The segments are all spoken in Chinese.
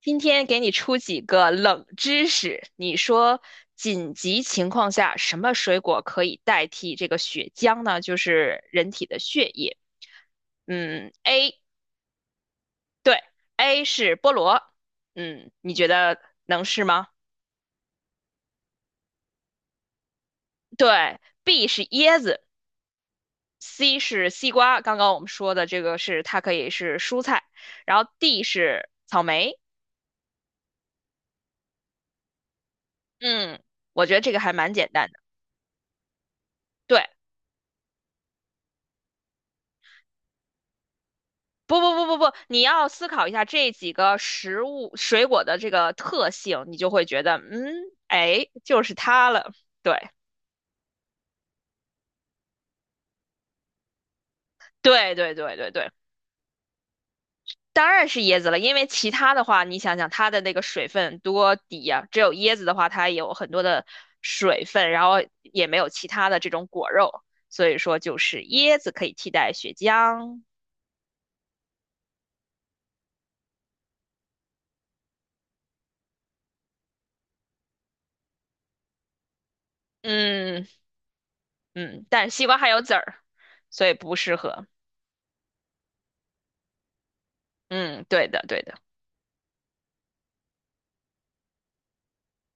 今天给你出几个冷知识，你说紧急情况下什么水果可以代替这个血浆呢？就是人体的血液。嗯，A，对，A 是菠萝。嗯，你觉得能是吗？对，B 是椰子，C 是西瓜。刚刚我们说的这个是它可以是蔬菜，然后 D 是草莓。嗯，我觉得这个还蛮简单的。对。不不不不不，你要思考一下这几个食物水果的这个特性，你就会觉得，嗯，哎，就是它了。对对对对对对，当然是椰子了，因为其他的话，你想想它的那个水分多低呀、只有椰子的话，它有很多的水分，然后也没有其他的这种果肉，所以说就是椰子可以替代血浆。嗯嗯，但是西瓜还有籽儿，所以不适合。嗯，对的对的。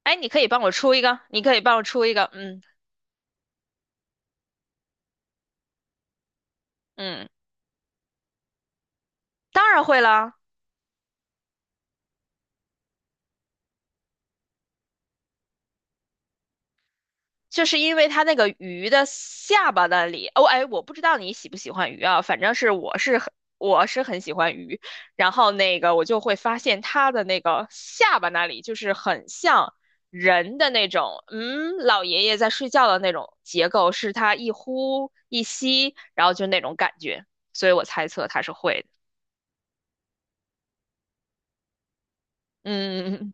哎，你可以帮我出一个，你可以帮我出一个，嗯嗯，当然会啦，就是因为它那个鱼的下巴那里，哦，哎，我不知道你喜不喜欢鱼啊，反正是我是很喜欢鱼，然后那个我就会发现它的那个下巴那里就是很像人的那种，嗯，老爷爷在睡觉的那种结构，是它一呼一吸，然后就那种感觉，所以我猜测它是会的，嗯，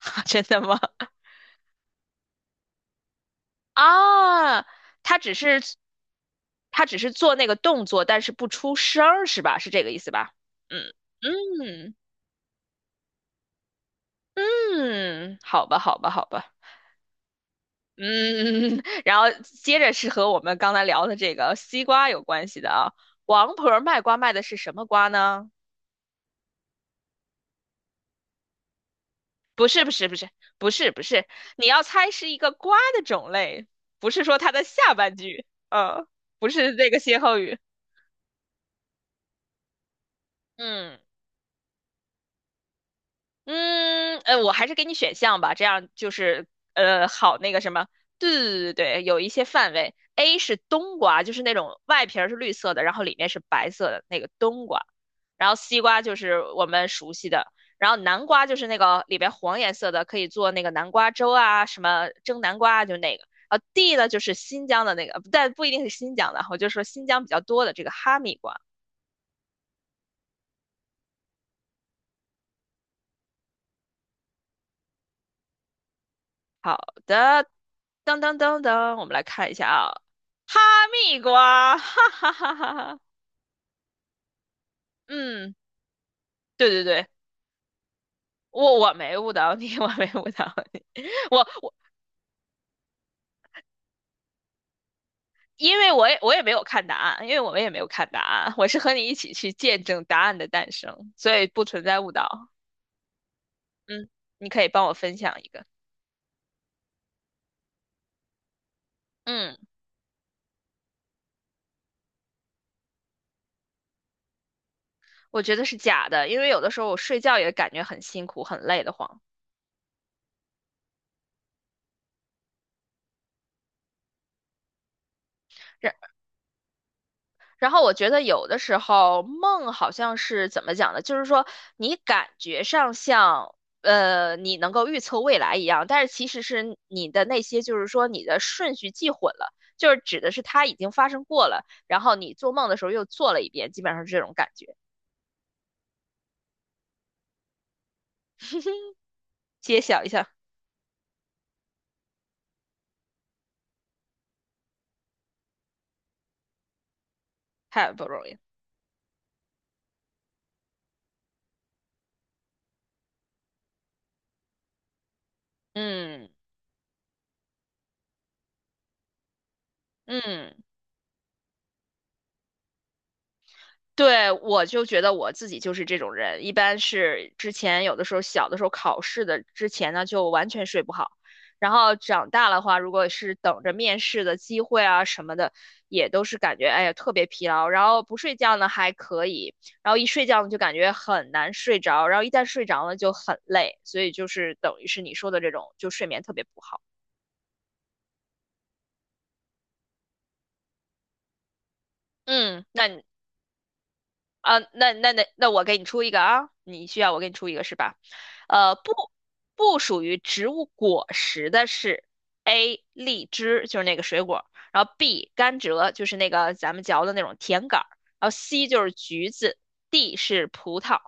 真的吗？啊，他只是做那个动作，但是不出声儿，是吧？是这个意思吧？嗯嗯嗯，好吧，好吧，好吧。嗯，然后接着是和我们刚才聊的这个西瓜有关系的啊。王婆儿卖瓜卖的是什么瓜呢？不是，不是，不是，不是，不是，你要猜是一个瓜的种类，不是说它的下半句，嗯，不是这个歇后语，嗯。嗯，我还是给你选项吧，这样就是好那个什么，对对对对有一些范围。A 是冬瓜，就是那种外皮儿是绿色的，然后里面是白色的那个冬瓜。然后西瓜就是我们熟悉的，然后南瓜就是那个里边黄颜色的，可以做那个南瓜粥啊，什么蒸南瓜啊就那个。D 呢，就是新疆的那个，但不一定是新疆的，我就说新疆比较多的这个哈密瓜。好的，噔噔噔噔，我们来看一下啊，哈密瓜，哈哈哈哈哈，嗯，对对对，我没误导你，我没误导你，我因为我也没有看答案，因为我们也没有看答案，我是和你一起去见证答案的诞生，所以不存在误导。嗯，你可以帮我分享一个。嗯，我觉得是假的，因为有的时候我睡觉也感觉很辛苦、很累的慌。然后我觉得有的时候梦好像是怎么讲呢？就是说你感觉上像你能够预测未来一样，但是其实是你的那些就是说你的顺序记混了，就是指的是它已经发生过了，然后你做梦的时候又做了一遍，基本上是这种感觉。揭晓一下，太不容易。嗯嗯。对，我就觉得我自己就是这种人，一般是之前有的时候小的时候考试的之前呢，就完全睡不好，然后长大的话，如果是等着面试的机会啊什么的，也都是感觉哎呀特别疲劳，然后不睡觉呢还可以，然后一睡觉呢就感觉很难睡着，然后一旦睡着了就很累，所以就是等于是你说的这种，就睡眠特别不好。嗯，那你啊，那我给你出一个啊，你需要我给你出一个是吧？呃，不不属于植物果实的是 A 荔枝，就是那个水果，然后 B 甘蔗，就是那个咱们嚼的那种甜杆儿，然后 C 就是橘子，D 是葡萄，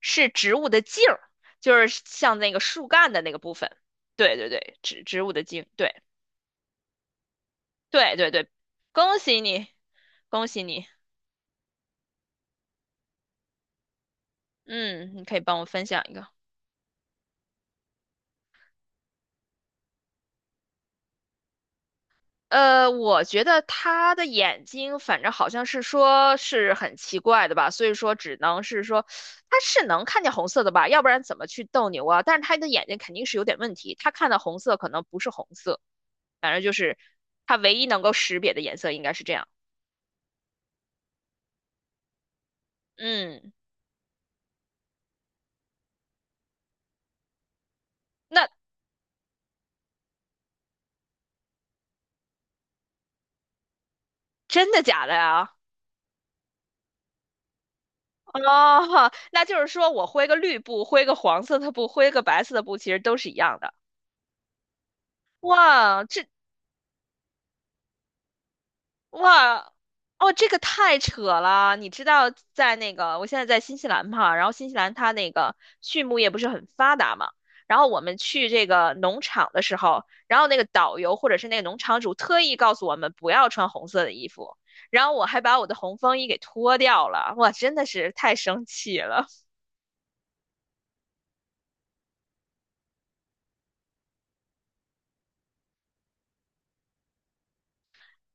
是植物的茎儿，就是像那个树干的那个部分。对对对，植物的茎，对对对对，恭喜你，恭喜你，嗯，你可以帮我分享一个。我觉得他的眼睛，反正好像是说是很奇怪的吧，所以说只能是说他是能看见红色的吧，要不然怎么去斗牛啊？但是他的眼睛肯定是有点问题，他看的红色可能不是红色，反正就是他唯一能够识别的颜色应该是这样。嗯，那真的假的呀？哦，那就是说我挥个绿布，挥个黄色的布，挥个白色的布，其实都是一样的。哇，这哇，哦，这个太扯了！你知道，在那个我现在在新西兰嘛，然后新西兰它那个畜牧业不是很发达嘛，然后我们去这个农场的时候，然后那个导游或者是那个农场主特意告诉我们不要穿红色的衣服，然后我还把我的红风衣给脱掉了，哇，真的是太生气了。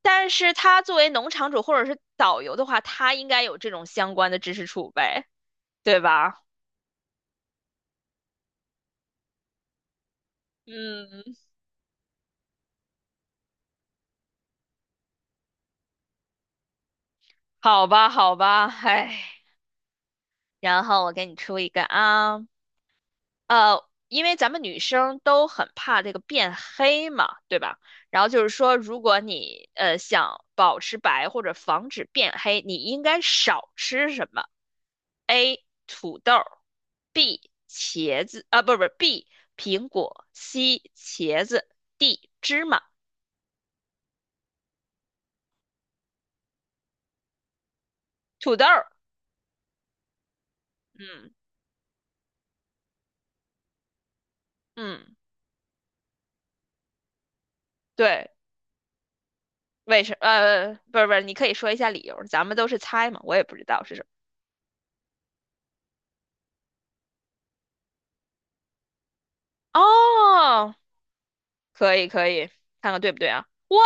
但是他作为农场主或者是导游的话，他应该有这种相关的知识储备，对吧？嗯，好吧，好吧，唉。然后我给你出一个啊，因为咱们女生都很怕这个变黑嘛，对吧？然后就是说，如果你想保持白或者防止变黑，你应该少吃什么？A. 土豆儿，B. 茄子，啊，不不，B. 苹果，C. 茄子，D. 芝麻。土豆儿，嗯嗯，对，不是不是，你可以说一下理由，咱们都是猜嘛，我也不知道是什么。哦，可以可以，看看对不对啊？哇，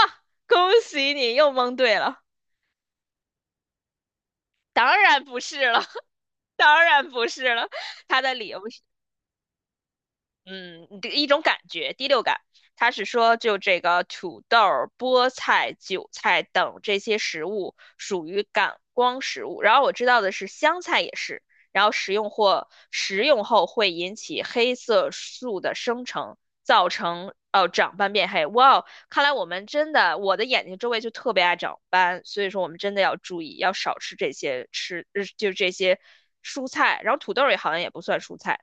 恭喜你又蒙对了，当然不是了，当然不是了，他的理由是。嗯，你的一种感觉，第六感，他是说就这个土豆儿、菠菜、韭菜等这些食物属于感光食物。然后我知道的是香菜也是，然后食用或食用后会引起黑色素的生成，造成哦长斑变黑。哇哦，看来我们真的，我的眼睛周围就特别爱长斑，所以说我们真的要注意，要少吃这些吃，就这些蔬菜。然后土豆儿也好像也不算蔬菜。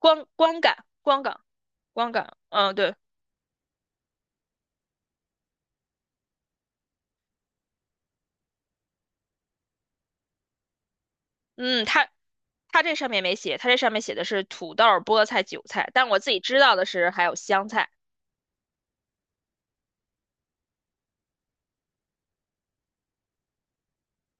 光光感光感光感，嗯，对，嗯，它这上面没写，它这上面写的是土豆、菠菜、韭菜，但我自己知道的是还有香菜。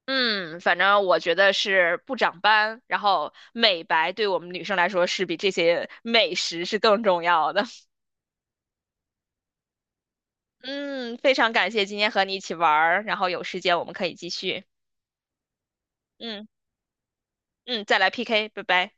嗯，反正我觉得是不长斑，然后美白对我们女生来说是比这些美食是更重要的。嗯，非常感谢今天和你一起玩儿，然后有时间我们可以继续。嗯嗯，再来 PK，拜拜。